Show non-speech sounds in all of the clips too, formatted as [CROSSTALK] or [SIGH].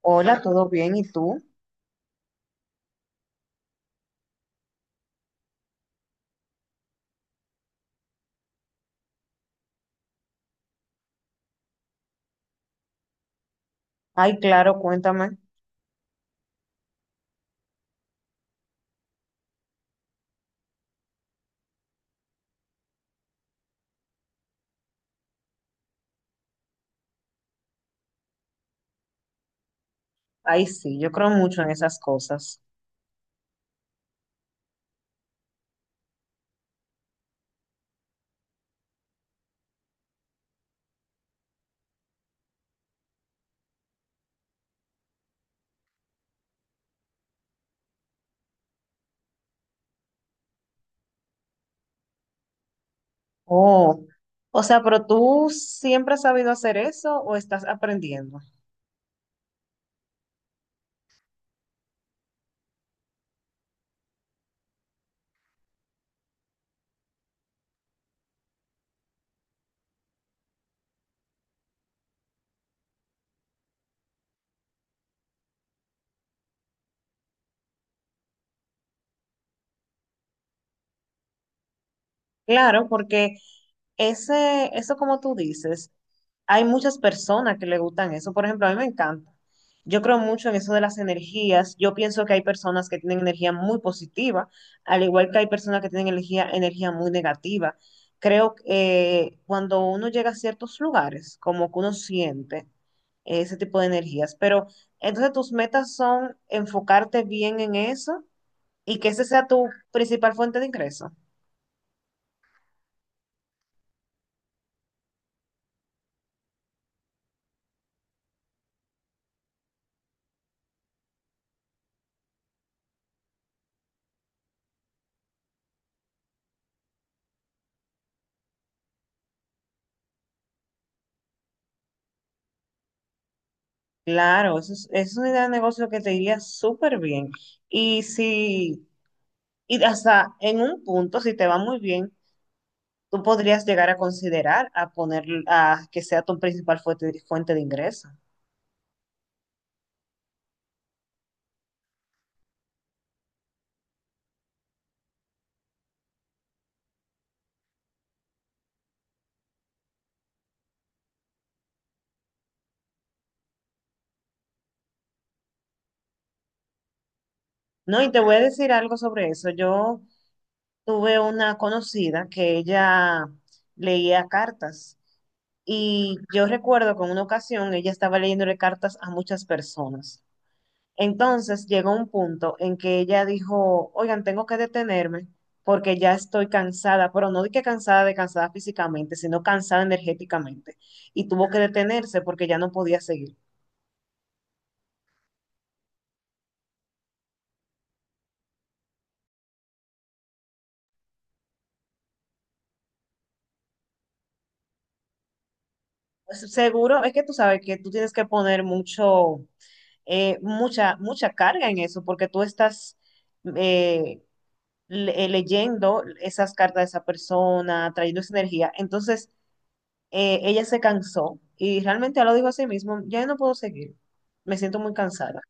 Hola, ¿todo bien? ¿Y tú? Ay, claro, cuéntame. Ay, sí, yo creo mucho en esas cosas. Oh, o sea, pero tú siempre has sabido hacer eso o estás aprendiendo? Claro, porque eso como tú dices, hay muchas personas que le gustan eso. Por ejemplo, a mí me encanta. Yo creo mucho en eso de las energías. Yo pienso que hay personas que tienen energía muy positiva, al igual que hay personas que tienen energía muy negativa. Creo que cuando uno llega a ciertos lugares, como que uno siente ese tipo de energías. Pero entonces tus metas son enfocarte bien en eso y que ese sea tu principal fuente de ingreso. Claro, es una idea de negocio que te iría súper bien. Y si, y hasta en un punto, si te va muy bien, tú podrías llegar a considerar a poner, a que sea tu principal fuente de ingreso. No, y te voy a decir algo sobre eso. Yo tuve una conocida que ella leía cartas. Y yo recuerdo que en una ocasión ella estaba leyéndole cartas a muchas personas. Entonces llegó un punto en que ella dijo, oigan, tengo que detenerme porque ya estoy cansada, pero no de que cansada de cansada físicamente, sino cansada energéticamente. Y tuvo que detenerse porque ya no podía seguir. Pues, seguro es que tú sabes que tú tienes que poner mucho, mucha carga en eso porque tú estás eh, leyendo esas cartas de esa persona, trayendo esa energía. Entonces, ella se cansó y realmente ella lo dijo a sí mismo, ya no puedo seguir, me siento muy cansada.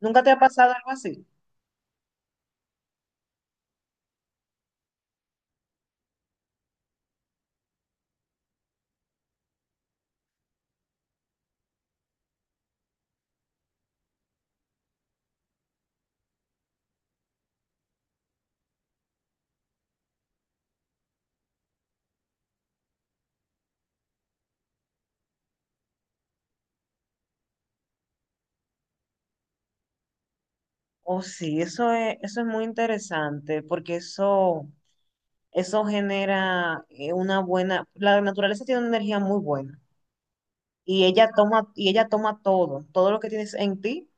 ¿Nunca te ha pasado algo así? Oh, sí, eso es muy interesante porque eso genera una buena, la naturaleza tiene una energía muy buena y y ella toma todo, todo lo que tienes en ti,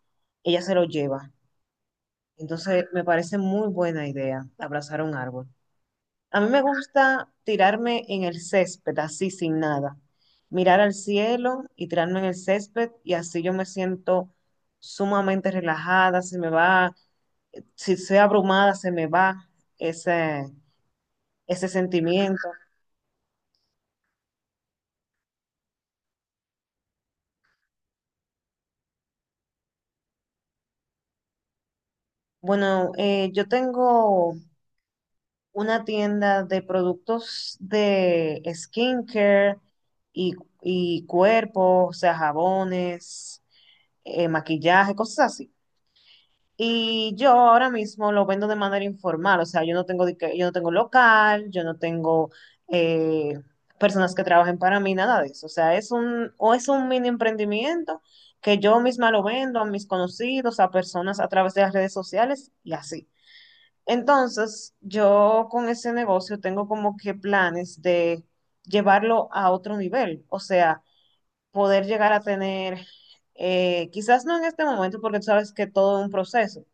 ella se lo lleva. Entonces, me parece muy buena idea abrazar un árbol. A mí me gusta tirarme en el césped, así sin nada. Mirar al cielo y tirarme en el césped y así yo me siento sumamente relajada, se me va, si soy abrumada, se me va ese, ese sentimiento. Bueno, yo tengo una tienda de productos de skincare y, y cuerpo, o sea, jabones, maquillaje, cosas así. Y yo ahora mismo lo vendo de manera informal, o sea, yo no tengo local, yo no tengo eh, personas que trabajen para mí, nada de eso. O sea, es un mini emprendimiento que yo misma lo vendo a mis conocidos, a personas a través de las redes sociales y así. Entonces, yo con ese negocio tengo como que planes de llevarlo a otro nivel, o sea, poder llegar a tener, quizás no en este momento, porque tú sabes que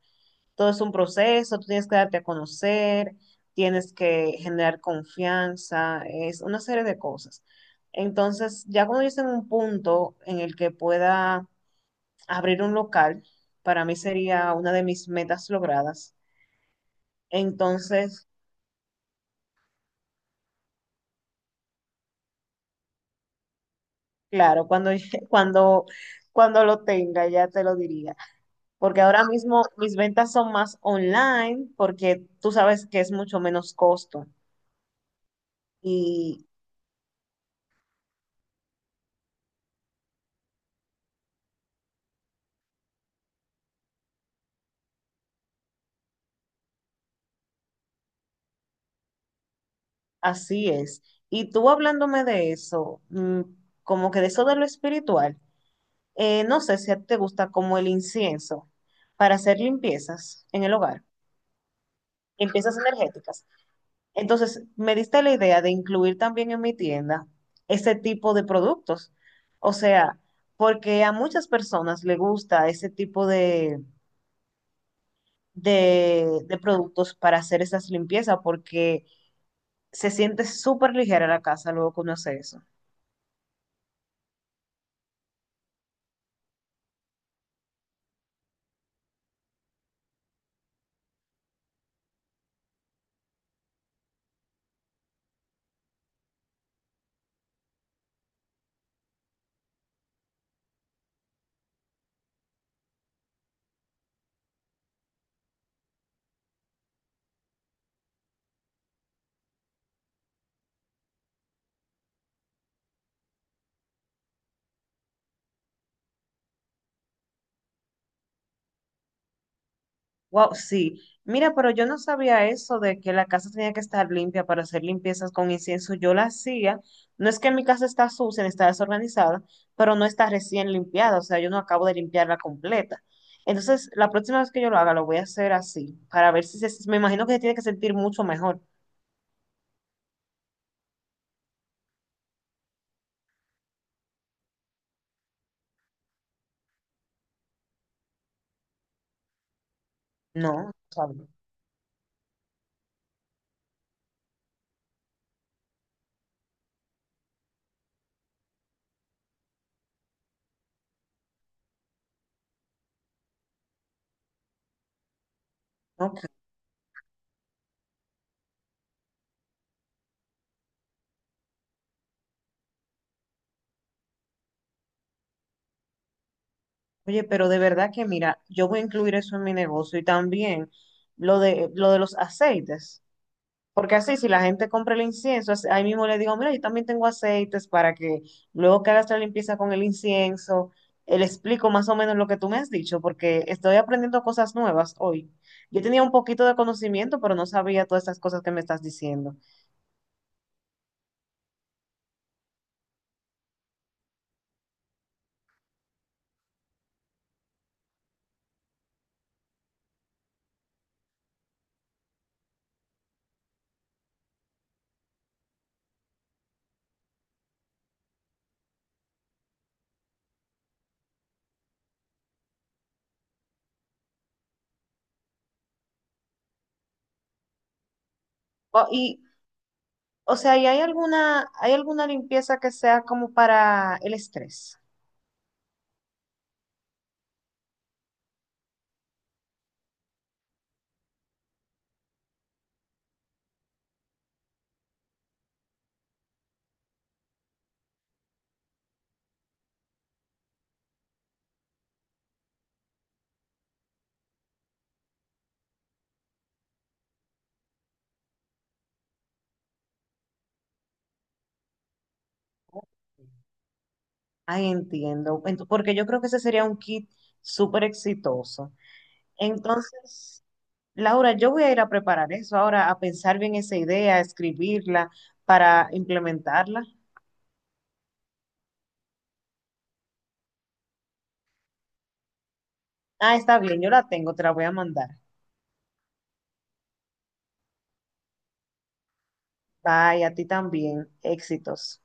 todo es un proceso, tú tienes que darte a conocer, tienes que generar confianza, es una serie de cosas. Entonces, ya cuando yo esté en un punto en el que pueda abrir un local, para mí sería una de mis metas logradas. Entonces, claro, [LAUGHS] cuando, cuando lo tenga, ya te lo diría. Porque ahora mismo mis ventas son más online, porque tú sabes que es mucho menos costo. Y así es. Y tú hablándome de eso, como que de eso de lo espiritual, no sé si a ti te gusta como el incienso para hacer limpiezas en el hogar, limpiezas energéticas. Entonces, me diste la idea de incluir también en mi tienda ese tipo de productos. O sea, porque a muchas personas le gusta ese tipo de productos para hacer esas limpiezas porque se siente súper ligera la casa luego que uno hace eso. Wow, sí. Mira, pero yo no sabía eso de que la casa tenía que estar limpia para hacer limpiezas con incienso. Yo la hacía. No es que mi casa está sucia, ni está desorganizada, pero no está recién limpiada. O sea, yo no acabo de limpiarla completa. Entonces, la próxima vez que yo lo haga, lo voy a hacer así, para ver si se Me imagino que se tiene que sentir mucho mejor. No, sabes. Ok. Oye, pero de verdad que mira, yo voy a incluir eso en mi negocio y también lo de los aceites. Porque así, si la gente compra el incienso, así- ahí mismo le digo, mira, yo también tengo aceites para que luego que hagas la limpieza con el incienso, le explico más o menos lo que tú me has dicho, porque estoy aprendiendo cosas nuevas hoy. Yo tenía un poquito de conocimiento, pero no sabía todas estas cosas que me estás diciendo. O- y, ¿Y hay alguna limpieza que sea como para el estrés? Ay, entiendo. Ento- porque yo creo que ese sería un kit súper exitoso. Entonces, Laura, yo voy a ir a preparar eso ahora, a pensar bien esa idea, a escribirla para implementarla. Ah, está bien, yo la tengo, te la voy a mandar. Bye, a ti también. Éxitos.